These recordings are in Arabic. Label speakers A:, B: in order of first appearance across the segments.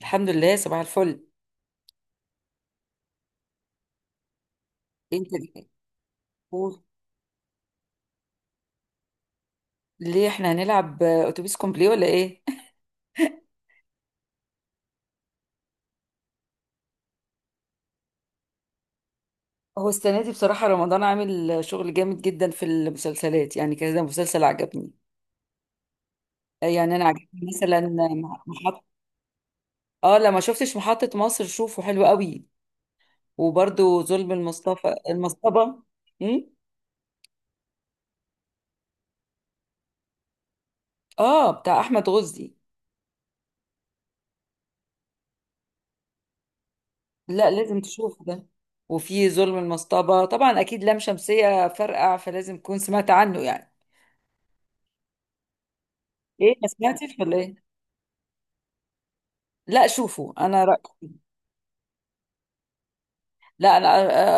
A: الحمد لله، صباح الفل. انت. قول. ليه احنا هنلعب، اتوبيس كومبلي ولا ايه؟ هو السنه دي بصراحه رمضان عامل شغل جامد جدا في المسلسلات، يعني كذا مسلسل عجبني. يعني انا عجبني مثلا. محط. اه، لما شفتش محطه مصر شوفه حلو قوي. وبرده ظلم المصطفى المصطبه. امم. اه، بتاع احمد غزي. لا، لازم تشوفه ده. وفي ظلم المصطبه طبعا اكيد لام شمسيه فرقع، فلازم تكون سمعت عنه يعني. ايه، ما سمعتش ولا ايه؟ لا، شوفوا انا رأيي. لا انا.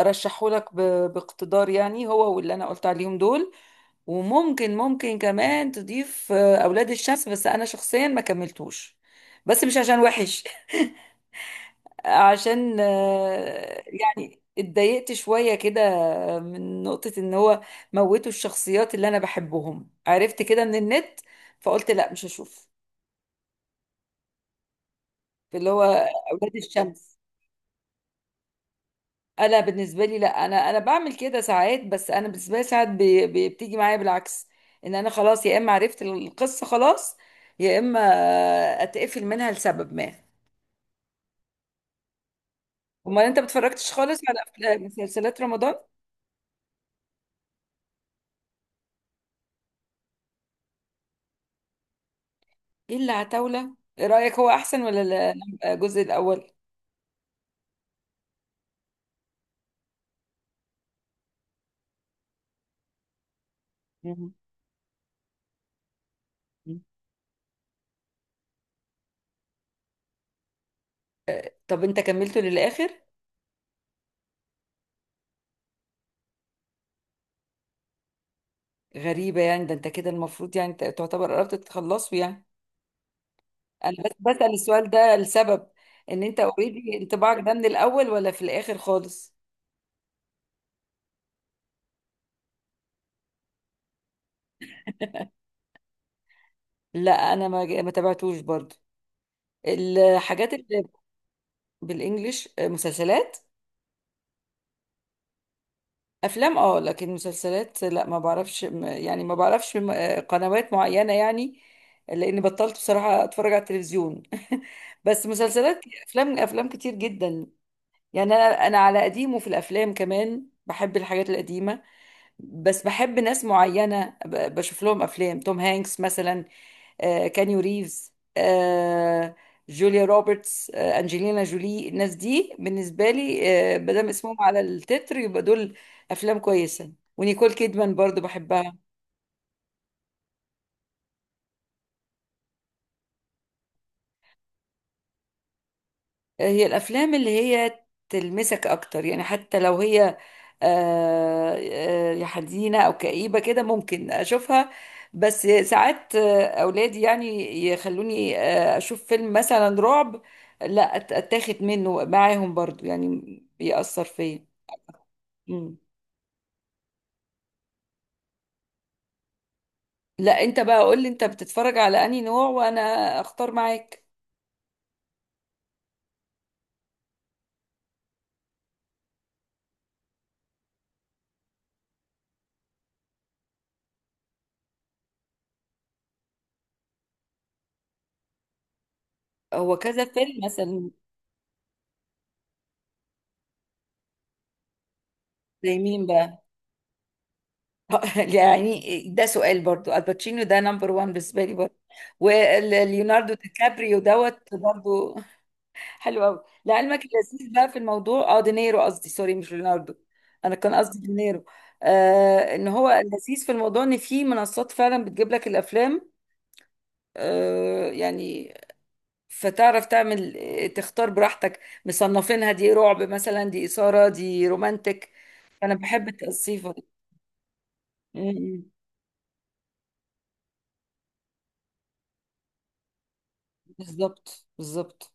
A: ارشحه لك باقتدار يعني، هو واللي انا قلت عليهم دول. وممكن ممكن كمان تضيف اولاد الشمس، بس انا شخصيا ما كملتوش. بس مش عشان وحش. عشان يعني اتضايقت شوية كده. من نقطة ان هو موتوا الشخصيات اللي انا بحبهم، عرفت كده من النت، فقلت لا مش هشوف. اللي هو اولاد الشمس. انا بالنسبه لي لا، انا بعمل كده ساعات، بس انا بالنسبه لي ساعات بتيجي معايا بالعكس. ان انا خلاص يا اما عرفت القصه خلاص، يا اما اتقفل منها لسبب ما. امال انت بتفرجتش خالص على مسلسلات رمضان؟ ايه اللي عتاوله، ايه رايك هو احسن الجزء الاول؟ مم. طب انت كملته للاخر؟ غريبه، يعني ده انت كده المفروض يعني تعتبر قربت تخلصه يعني. انا بس بسال السؤال ده لسبب. ان انت اوريدي انطباعك ده من الاول ولا في الاخر خالص. لا انا ما تابعتوش برضو. الحاجات اللي بالانجلش مسلسلات افلام، اه لكن مسلسلات لا، ما بعرفش يعني ما بعرفش قنوات معينة يعني. لاني بطلت بصراحة اتفرج على التلفزيون. بس مسلسلات، افلام كتير جدا. يعني انا على قديمه في الافلام، كمان بحب الحاجات القديمة. بس بحب ناس معينة، بشوف لهم افلام توم هانكس مثلا، كانيو ريفز، جوليا روبرتس، أنجلينا جولي. الناس دي بالنسبة لي مادام اسمهم على التتر يبقى دول أفلام كويسة. ونيكول كيدمان برضو بحبها. هي الافلام اللي هي تلمسك اكتر يعني، حتى لو هي يا حزينه او كئيبه كده، ممكن اشوفها. بس ساعات اولادي يعني يخلوني اشوف فيلم مثلا رعب. لا، اتاخد منه معاهم برضو يعني. بيأثر فيا. مم. لا، انت بقى قول لي انت بتتفرج على انهي نوع وانا اختار معاك. هو كذا فيلم مثلا. زي مين بقى؟ يعني ده سؤال برضو، الباتشينو ده نمبر وان بالنسبه لي برضو. وليوناردو دي كابريو دوت برضو. حلو قوي لعلمك. اللذيذ بقى في الموضوع اه دينيرو، قصدي سوري مش ليوناردو. انا كان قصدي دينيرو. ان هو اللذيذ في الموضوع ان في منصات فعلا بتجيب لك الافلام. يعني فتعرف تعمل تختار براحتك، مصنفينها دي رعب مثلا، دي اثاره، دي رومانتك. انا بحب التقصيفه دي. م- م. بالظبط، بالظبط.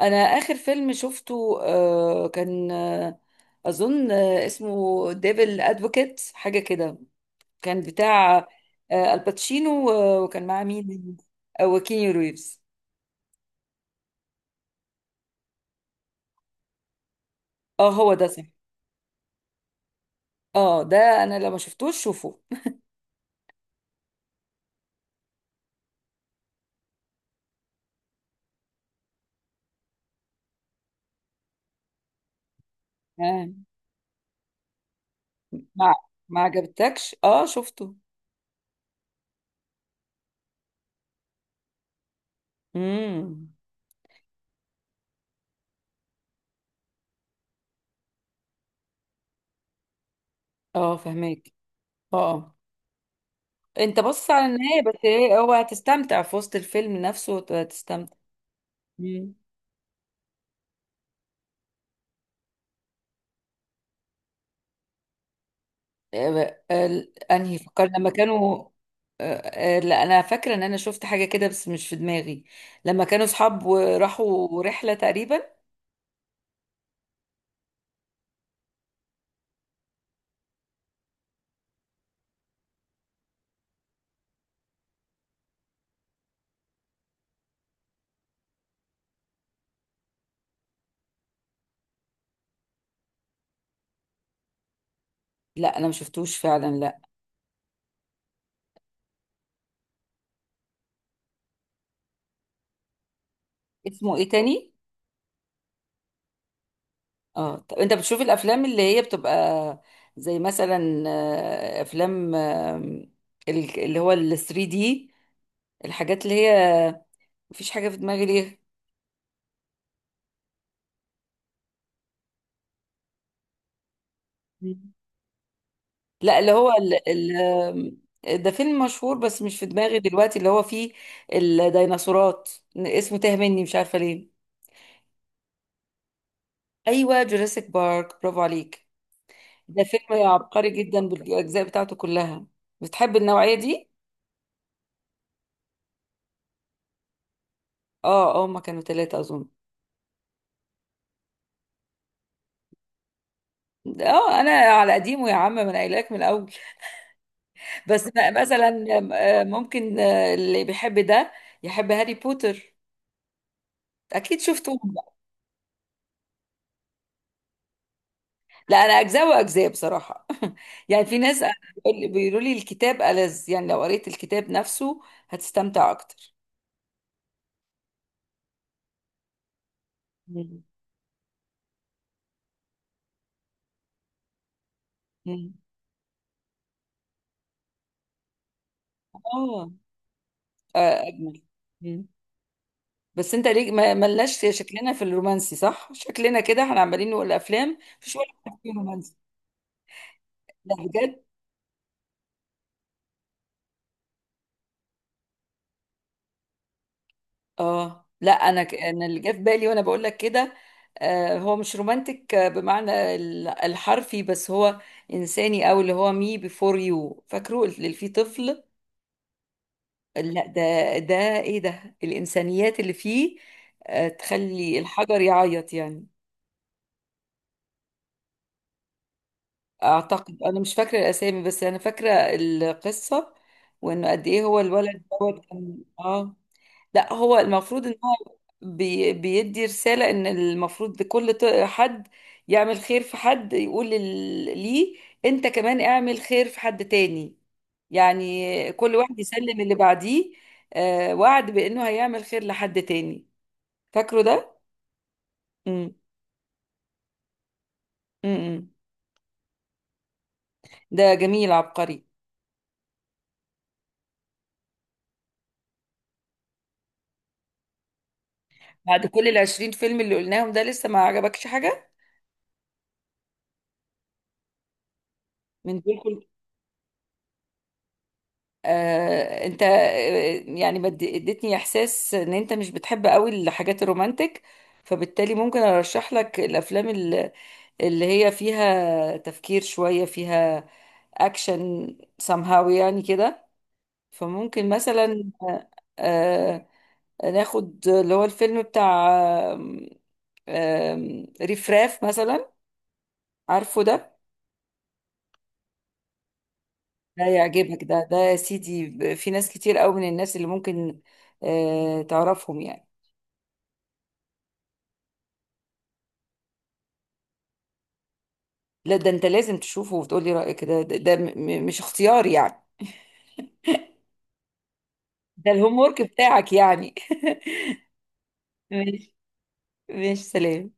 A: انا اخر فيلم شفته كان اظن اسمه ديفل ادفوكيت حاجه كده. كان بتاع الباتشينو، وكان معاه مين؟ وكيني ريفز. اه، هو ده صح. اه ده، انا لما شفتوش شوفه. آه، ما ما عجبتكش؟ اه شفته. امم. اه فهماك. اه. انت بص على النهايه بس، إيه، هو هتستمتع في وسط الفيلم نفسه، هتستمتع. انهي فكرنا لما كانوا. آه، لا، انا فاكره ان انا شفت حاجه كده بس مش في دماغي. لما كانوا اصحاب وراحوا رحله تقريبا. لا انا ما شفتوش فعلا، لا. اسمه ايه تاني؟ اه، طب انت بتشوف الافلام اللي هي بتبقى زي مثلا افلام اللي هو ال 3 دي، الحاجات اللي هي مفيش حاجه في دماغي ليه. لا اللي هو ال. ال ده فيلم مشهور بس مش في دماغي دلوقتي، اللي هو فيه الديناصورات. اسمه تاه مني مش عارفة ليه. ايوه جوراسيك بارك، برافو عليك. ده فيلم عبقري جدا بالاجزاء بتاعته كلها. بتحب النوعية دي؟ اه، اه، هما كانوا ثلاثة اظن. اه، انا على قديمه يا عم، ما انا قايلاك من الاول. بس مثلا ممكن اللي بيحب ده يحب هاري بوتر، اكيد شفته. لا انا اجزاء واجزاء بصراحه. يعني في ناس بيقولوا لي الكتاب ألذ، يعني لو قريت الكتاب نفسه هتستمتع اكتر. مم. مم. اه اجمل. مم. بس انت ليه ما ملناش شكلنا في الرومانسي، صح؟ شكلنا كده احنا عمالين نقول افلام مفيش ولا واحد فيه رومانسي. لا بجد. اه لا، انا انا اللي جه في بالي وانا بقول لك كده. هو مش رومانتك بمعنى الحرفي، بس هو انساني. او اللي هو مي بيفور يو، فاكره اللي فيه طفل. لا ده. ده ايه ده، الانسانيات اللي فيه تخلي الحجر يعيط يعني. اعتقد انا مش فاكره الاسامي بس انا فاكره القصه. وانه قد ايه هو الولد دوت، كان اه. لا هو المفروض ان هو بيدي رساله ان المفروض كل حد يعمل خير في حد، يقول ليه انت كمان اعمل خير في حد تاني. يعني كل واحد يسلم اللي بعديه، وعد بانه هيعمل خير لحد تاني. فاكره ده؟ امم. امم. ده جميل عبقري. بعد كل 20 فيلم اللي قلناهم، ده لسه ما عجبكش حاجة؟ من دول كل. انت يعني ما ادي- اديتني احساس ان انت مش بتحب قوي الحاجات الرومانتك. فبالتالي ممكن ارشح لك الافلام اللي هي فيها تفكير شوية، فيها اكشن، somehow يعني كده. فممكن مثلا آه ناخد اللي هو الفيلم بتاع آم، آم، رفراف مثلا. عارفه ده؟ ده يعجبك، ده يا سيدي، في ناس كتير قوي من الناس اللي ممكن تعرفهم يعني. لا، ده انت لازم تشوفه وتقولي رأيك، ده مش اختيار يعني. ده الهوم ورك بتاعك يعني. ماشي. ماشي، سلام.